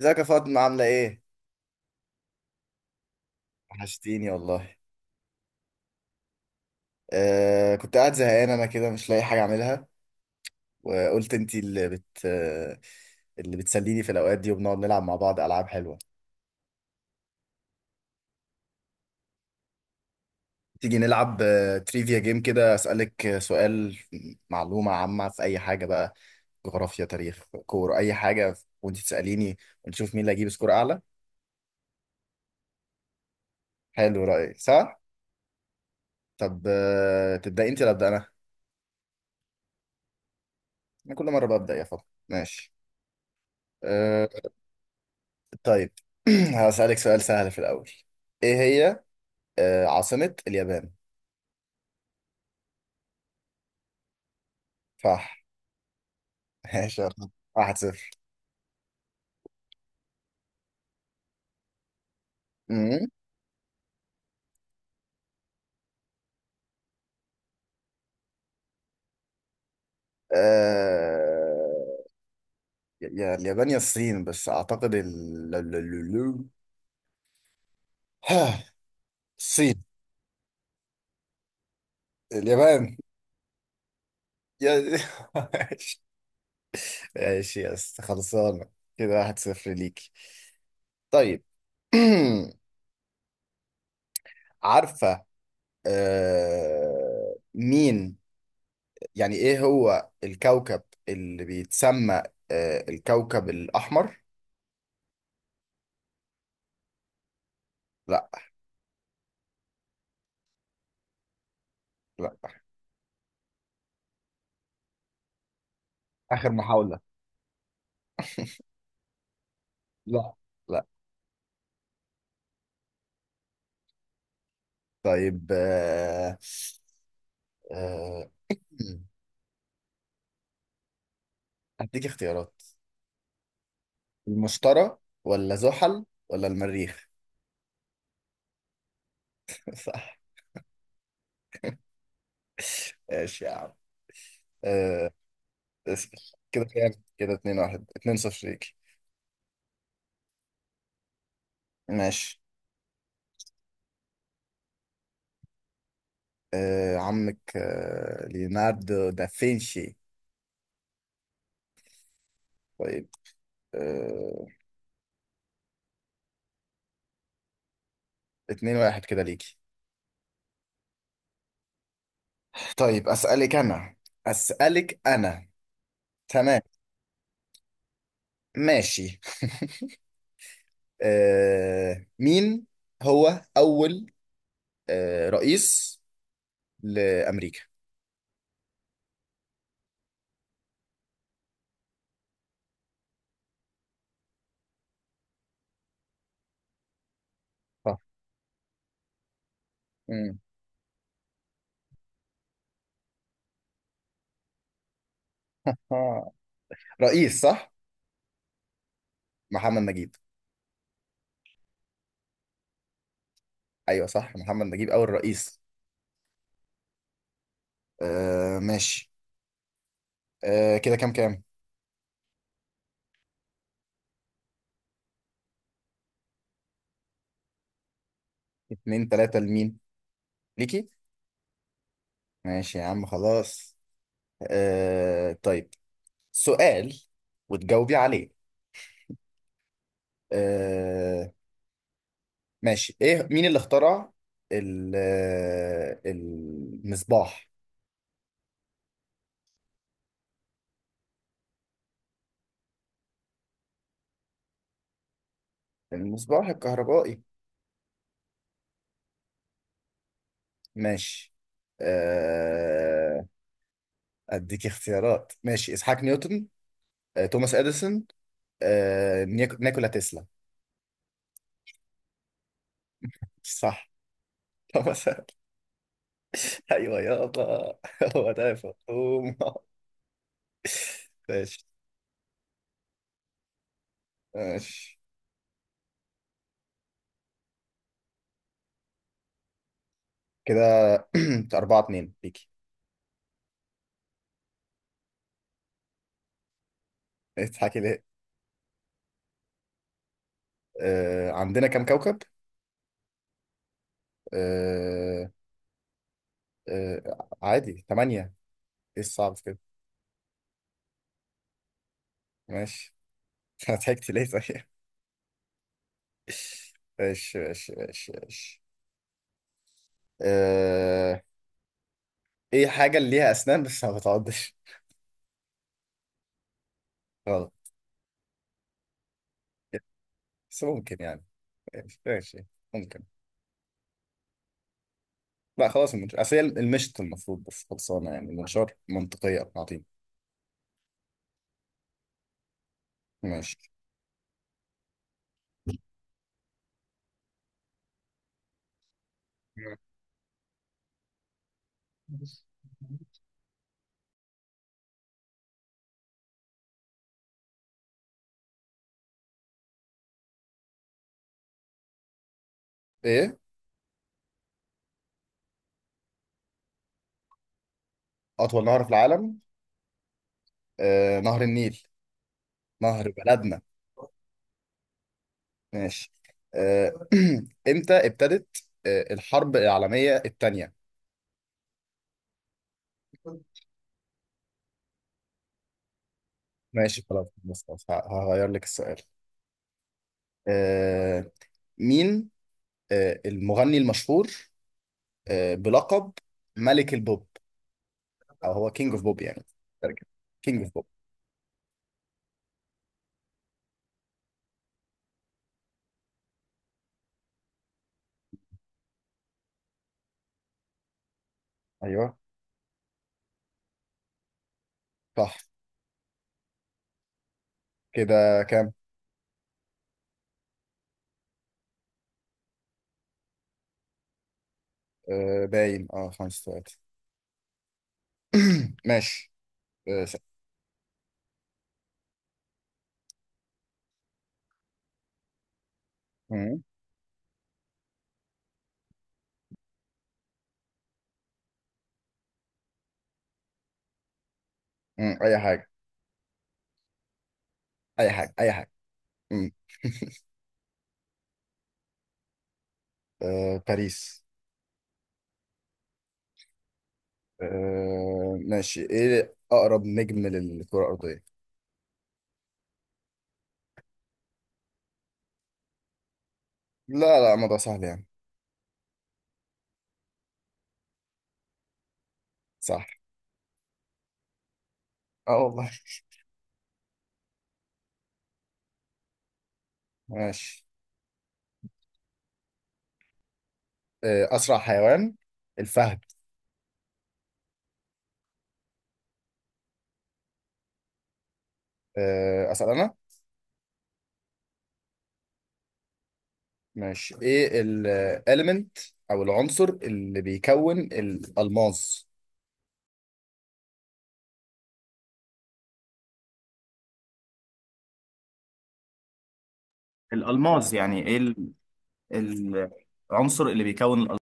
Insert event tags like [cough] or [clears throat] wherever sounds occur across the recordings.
ازيك يا فاطمة، عاملة ايه؟ وحشتيني والله. كنت قاعد زهقان انا كده، مش لاقي حاجة اعملها. وقلت انتي اللي بت آه، اللي بتسليني في الاوقات دي، وبنقعد نلعب مع بعض العاب حلوة. تيجي نلعب تريفيا جيم، كده اسألك سؤال معلومة عامة في اي حاجة بقى، جغرافيا، تاريخ، كورة، اي حاجة. وانتي تسأليني، ونشوف مين اللي هيجيب سكور اعلى. حلو، رأيي صح؟ طب تبدأي انتي ولا ابدأ انا؟ انا كل مرة ببدأ يا فاطمة. ماشي. آه، طيب. [clears throat] هسألك سؤال سهل في الأول. إيه هي عاصمة اليابان؟ صح. [laughs] ماشي، يلا. 1-0. أمم. آه، يا اليابان يا الصين، بس أعتقد ال... ال- ال- ال- ها، الصين. اليابان. يا [laughs] ماشي. ماشي، يس، خلصانة. كده 1-0 ليك. طيب. [clears throat] عارفة مين يعني ايه هو الكوكب اللي بيتسمى الكوكب الأحمر؟ لا. لا. آخر محاولة. لا. لا. طيب. آه، مم. هديك اختيارات. المشتري ولا زحل ولا المريخ؟ [laughs] صح. ماشي يا عم. آه، اسأل. كده كام؟ كده 2 1 2 0 ليك. ماشي. عمك ليوناردو دافنشي. طيب. آه، 2 1 كده ليك. طيب، أسألك أنا، أسألك أنا. تمام. ماشي. [laughs] مين هو أول رئيس لأمريكا؟ صح. مم. آه. رئيس، صح؟ محمد نجيب. أيوه صح، محمد نجيب أول رئيس. ماشي. كده كام كام؟ 2-3 لمين؟ ليكي؟ ماشي يا عم خلاص. طيب، سؤال وتجاوبي عليه. آه، ماشي. ايه، مين اللي اخترع ال- المصباح، المصباح الكهربائي؟ ماشي. آه، اديك اختيارات. ماشي، اسحاق نيوتن، توماس اديسون، نيكولا تسلا. صح. توماس. [laughs] ايوه يابا، هو ده يا فطوم. ماشي ماشي. كده [clears throat] 4-2 ليكي. تضحكي ليه؟ عندنا كام كوكب؟ آه، عادي، ثمانية. ايه الصعب في كده؟ ماشي. [laughs] انا ضحكت ليه طيب؟ [laughs] ماشي ماشي ماشي ماشي. أه... ايه حاجة اللي ليها اسنان بس ما بتعضش؟ غلط. بس ممكن يعني. ماشي ماشي. ممكن. لا خلاص، المنشار، اصل هي المشط المفروض، بس خلصانة يعني، المنشار منطقية عظيمة. ماشي. ايه اطول نهر في العالم؟ نهر النيل، نهر بلدنا. ماشي. آه، [clears throat] امتى ابتدت الحرب العالمية الثانية؟ ماشي خلاص، بص خلاص، هغير لك السؤال. آه مين المغني المشهور بلقب ملك البوب، او هو كينج اوف بوب يعني، ترجمة كينج اوف بوب؟ ايوه صح. كده كام؟ باين، اه 5-3. [clears throat] ماشي. آه س- مم، اي حاجة، اي حاجة، اي حاجة. مم. [laughs] باريس. ماشي. ايه اقرب نجم للكرة الأرضية؟ لا لا، الموضوع سهل يعني. صح. اه والله. ماشي. أسرع حيوان، الفهد. أسأل أنا. ماشي. إيه الإليمنت أو العنصر اللي بيكون الألماس؟ الألماس يعني ايه ال- العنصر اللي بيكون الألماس؟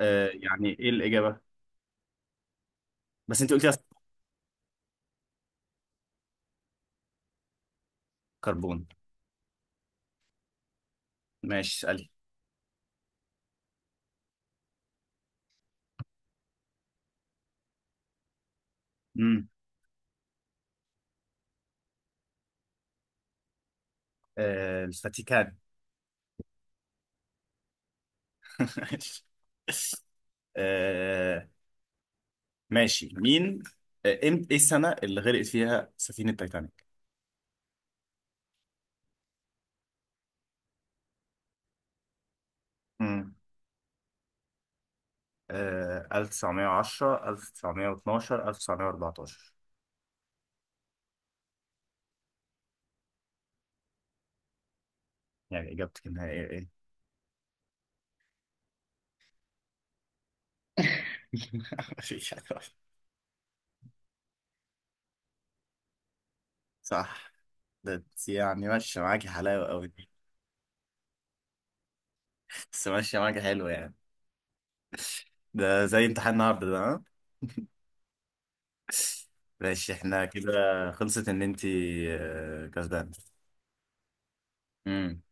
يعني ايه الإجابة؟ بس انت قلت لي كربون. ماشي، اسألي. امم. الفاتيكان. [laughs] آه ماشي. ايه السنة اللي غرقت فيها سفينة تايتانيك؟ 1910، 1912، 1914. يعني إجابتك النهائية إيه؟ [laughs] مفيش حاجة غلط. صح. ده انت يعني ماشية معاكي حلاوة أوي دي. بس ماشية معاكي حلو يعني. ده زي امتحان النهاردة ده، ها؟ ماشي احنا كده. خلصت إن أنت كسبانة. امم.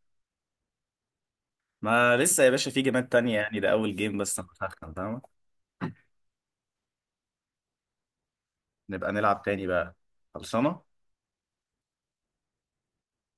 ما لسه يا باشا، في جيمات تانية يعني، ده أول جيم بس أنا بسخن، فاهمة؟ نبقى نلعب تاني بقى. خلصانة؟